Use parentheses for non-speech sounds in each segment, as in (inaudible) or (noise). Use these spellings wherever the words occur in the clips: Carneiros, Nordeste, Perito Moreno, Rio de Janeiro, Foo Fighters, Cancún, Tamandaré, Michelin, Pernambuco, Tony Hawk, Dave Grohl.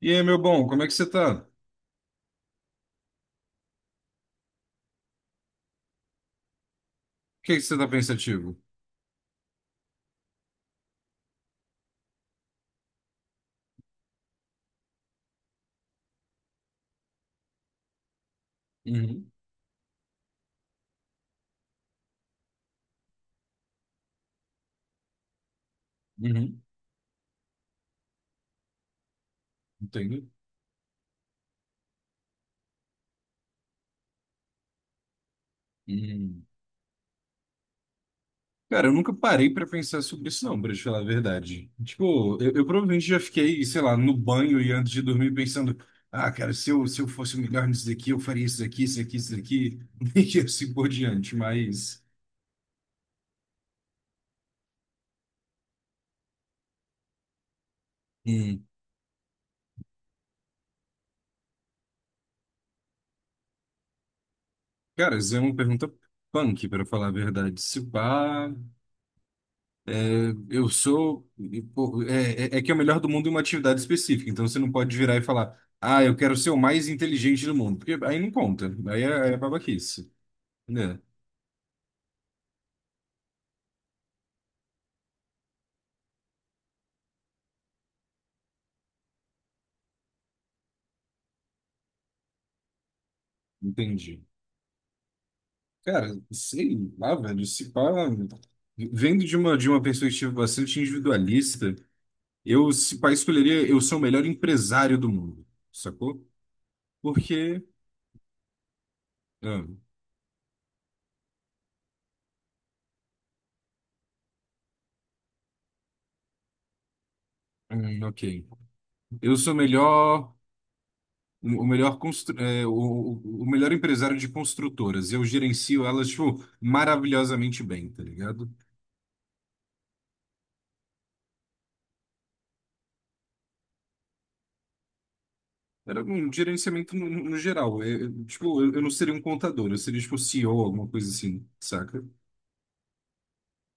E aí, meu bom, como é que você tá? Por que que você tá pensativo? Uhum, uhum, entendo. Uhum. Cara, eu nunca parei pra pensar sobre isso, não, pra te falar a verdade. Tipo, eu provavelmente já fiquei, sei lá, no banho e antes de dormir pensando: ah, cara, se eu fosse o melhor nisso daqui, eu faria isso daqui, isso aqui, isso daqui, (laughs) e assim por diante. Hum, Cara, isso é uma pergunta punk, pra falar a verdade. Se pá. É, eu sou. E, pô, é, é é que é o melhor do mundo em uma atividade específica. Então você não pode virar e falar, ah, eu quero ser o mais inteligente do mundo. Porque aí não conta. Aí é babaquice. Né? Entendi. Cara, sei lá, velho. Se pá, vendo de uma perspectiva bastante individualista, eu, se pá, escolheria, eu sou o melhor empresário do mundo. Sacou? Porque. ah, ok. Eu sou o melhor. O melhor empresário de construtoras. E eu gerencio elas, tipo, maravilhosamente bem, tá ligado? Era um gerenciamento geral. É, tipo, eu não seria um contador, eu seria, tipo, CEO, alguma coisa assim, saca?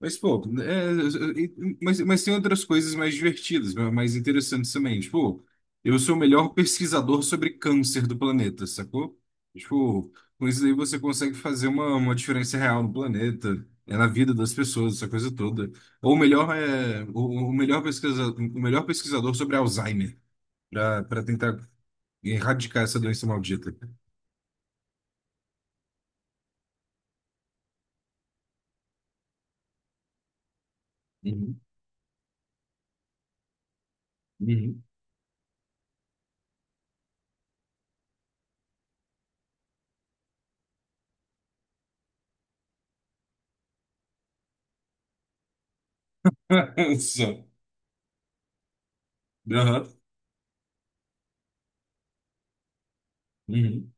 Mas, pô, é, é, é, mas, tem outras coisas mais divertidas, mais interessantes também. Tipo, eu sou o melhor pesquisador sobre câncer do planeta, sacou? Tipo, com isso aí você consegue fazer uma diferença real no planeta, é na vida das pessoas, essa coisa toda. Ou melhor é o melhor pesquisador, o melhor pesquisador sobre Alzheimer, para tentar erradicar essa doença maldita. Uhum, uhum. (laughs) Só. Aham. Uhum,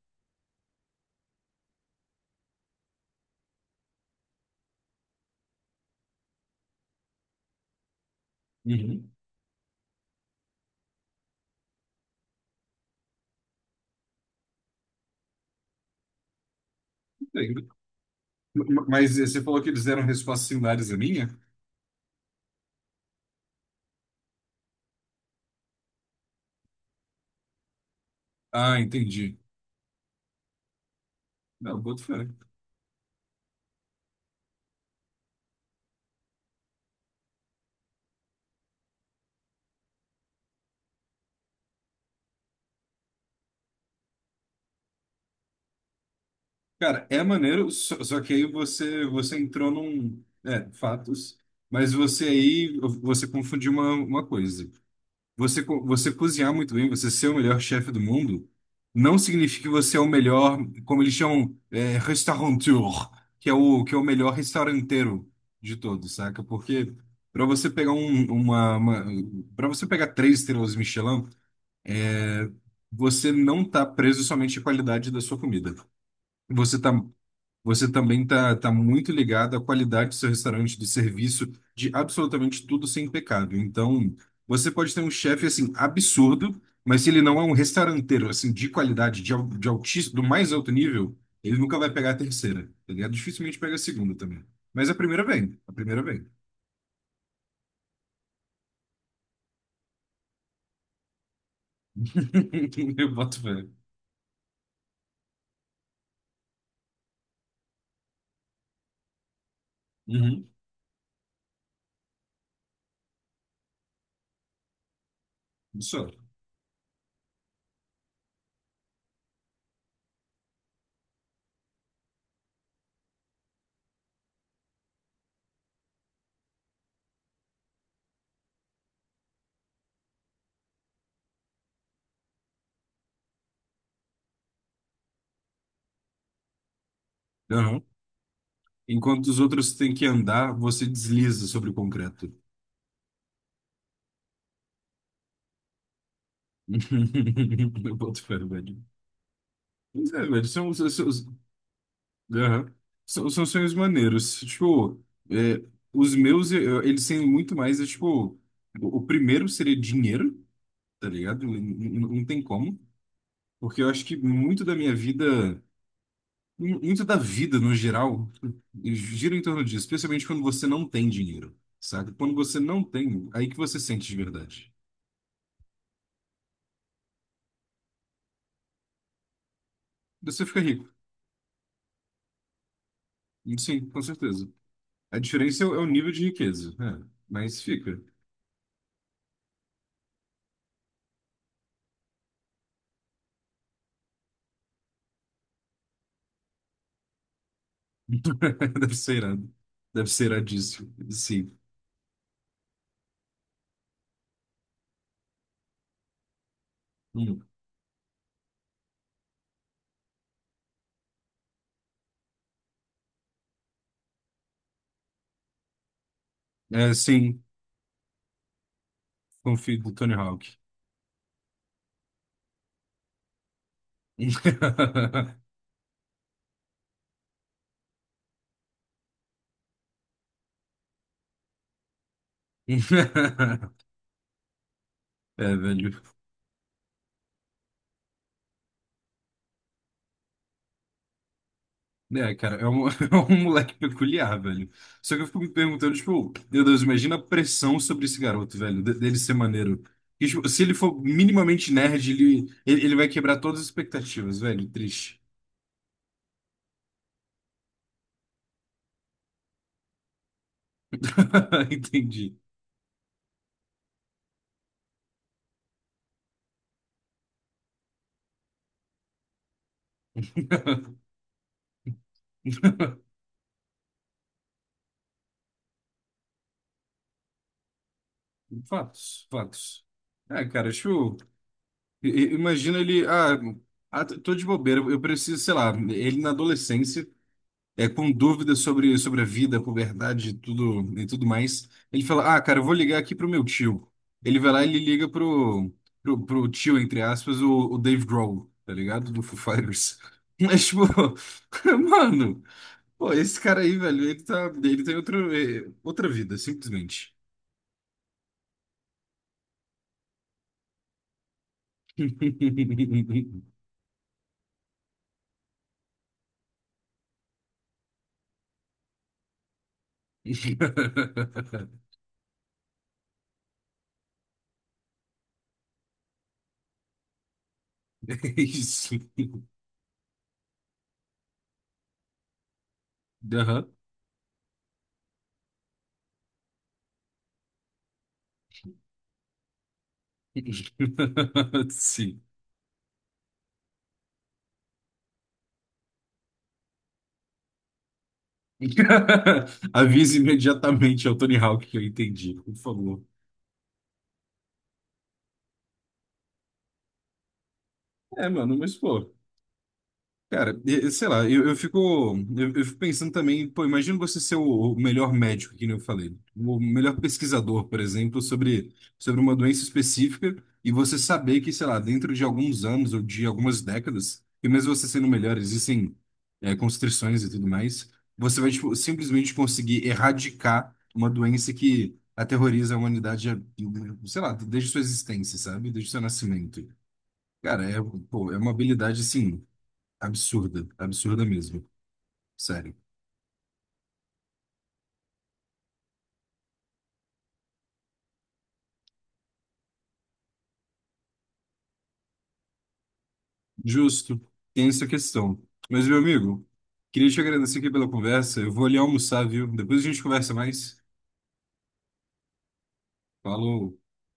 uhum. Mas você falou que eles deram respostas similares à minha? Ah, entendi. Não, boto fé. Cara, é maneiro, só que aí você entrou num... É, fatos. Mas você aí, você confundiu uma coisa. Você, você cozinhar muito bem, você ser o melhor chefe do mundo, não significa que você é o melhor, como eles chamam, é, restaurateur, que é o melhor restauranteiro de todos, saca? Porque para você pegar um, uma, uma para você pegar três estrelas Michelin, você não está preso somente à qualidade da sua comida. Você tá, você também está muito ligado à qualidade do seu restaurante, do serviço, de absolutamente tudo ser impecável. Então, você pode ter um chefe assim absurdo, mas se ele não é um restauranteiro assim de qualidade, de altíssimo, do mais alto nível, ele nunca vai pegar a terceira. Tá ligado? Dificilmente pega a segunda também. Mas a primeira vem, a primeira vem. (laughs) Eu boto fé. Uhum. Só. Enquanto os outros têm que andar, você desliza sobre o concreto. (laughs) Eu boto fé, velho. Mas é, velho, aham. São sonhos maneiros. Tipo, é, os meus, eles têm muito mais, é, tipo, o primeiro seria dinheiro, tá ligado? Não, não tem como. Porque eu acho que muito da minha vida, muito da vida no geral, gira em torno disso, especialmente quando você não tem dinheiro, sabe? Quando você não tem, aí que você sente de verdade. Você fica rico. Sim, com certeza. A diferença é o nível de riqueza, é, mas fica. (laughs) Deve ser irado. Deve ser iradíssimo. Sim. Hum. É, sim, confio do Tony Hawk. (laughs) É, velho. É, cara, é um, (laughs) é um moleque peculiar, velho. Só que eu fico me perguntando, tipo, meu Deus, imagina a pressão sobre esse garoto, velho, dele ser maneiro. E, tipo, se ele for minimamente nerd, ele vai quebrar todas as expectativas, velho. Triste. (laughs) Entendi. Fatos, fatos. É, cara, acho. Imagina ele. Ah, ah, tô de bobeira, eu preciso, sei lá, ele na adolescência, é com dúvidas sobre, sobre a vida, a puberdade e tudo mais. Ele fala: Ah, cara, eu vou ligar aqui pro meu tio. Ele vai lá e ele liga pro tio, entre aspas, o Dave Grohl, tá ligado? Do Foo Fighters. (laughs) Mas, tipo, (laughs) mano, pô, esse cara aí, velho, ele tem outra, outra vida, simplesmente. (laughs) (laughs) Isso. Aham. (laughs) Sim. (laughs) Avise imediatamente ao Tony Hawk que eu entendi, por favor. É, mano, mas pô. Cara, e sei lá, eu, fico pensando também, pô, imagina você ser o melhor médico, que nem eu falei, o melhor pesquisador, por exemplo, sobre, sobre uma doença específica, e você saber que, sei lá, dentro de alguns anos ou de algumas décadas, e mesmo você sendo o melhor, existem, é, constrições e tudo mais, você vai, tipo, simplesmente conseguir erradicar uma doença que aterroriza a humanidade, sei lá, desde sua existência, sabe? Desde seu nascimento. Cara, é, pô, é uma habilidade, assim absurda, absurda mesmo. Sério. Justo. Tem essa questão. Mas, meu amigo, queria te agradecer aqui pela conversa. Eu vou ali almoçar, viu? Depois a gente conversa mais. Falou.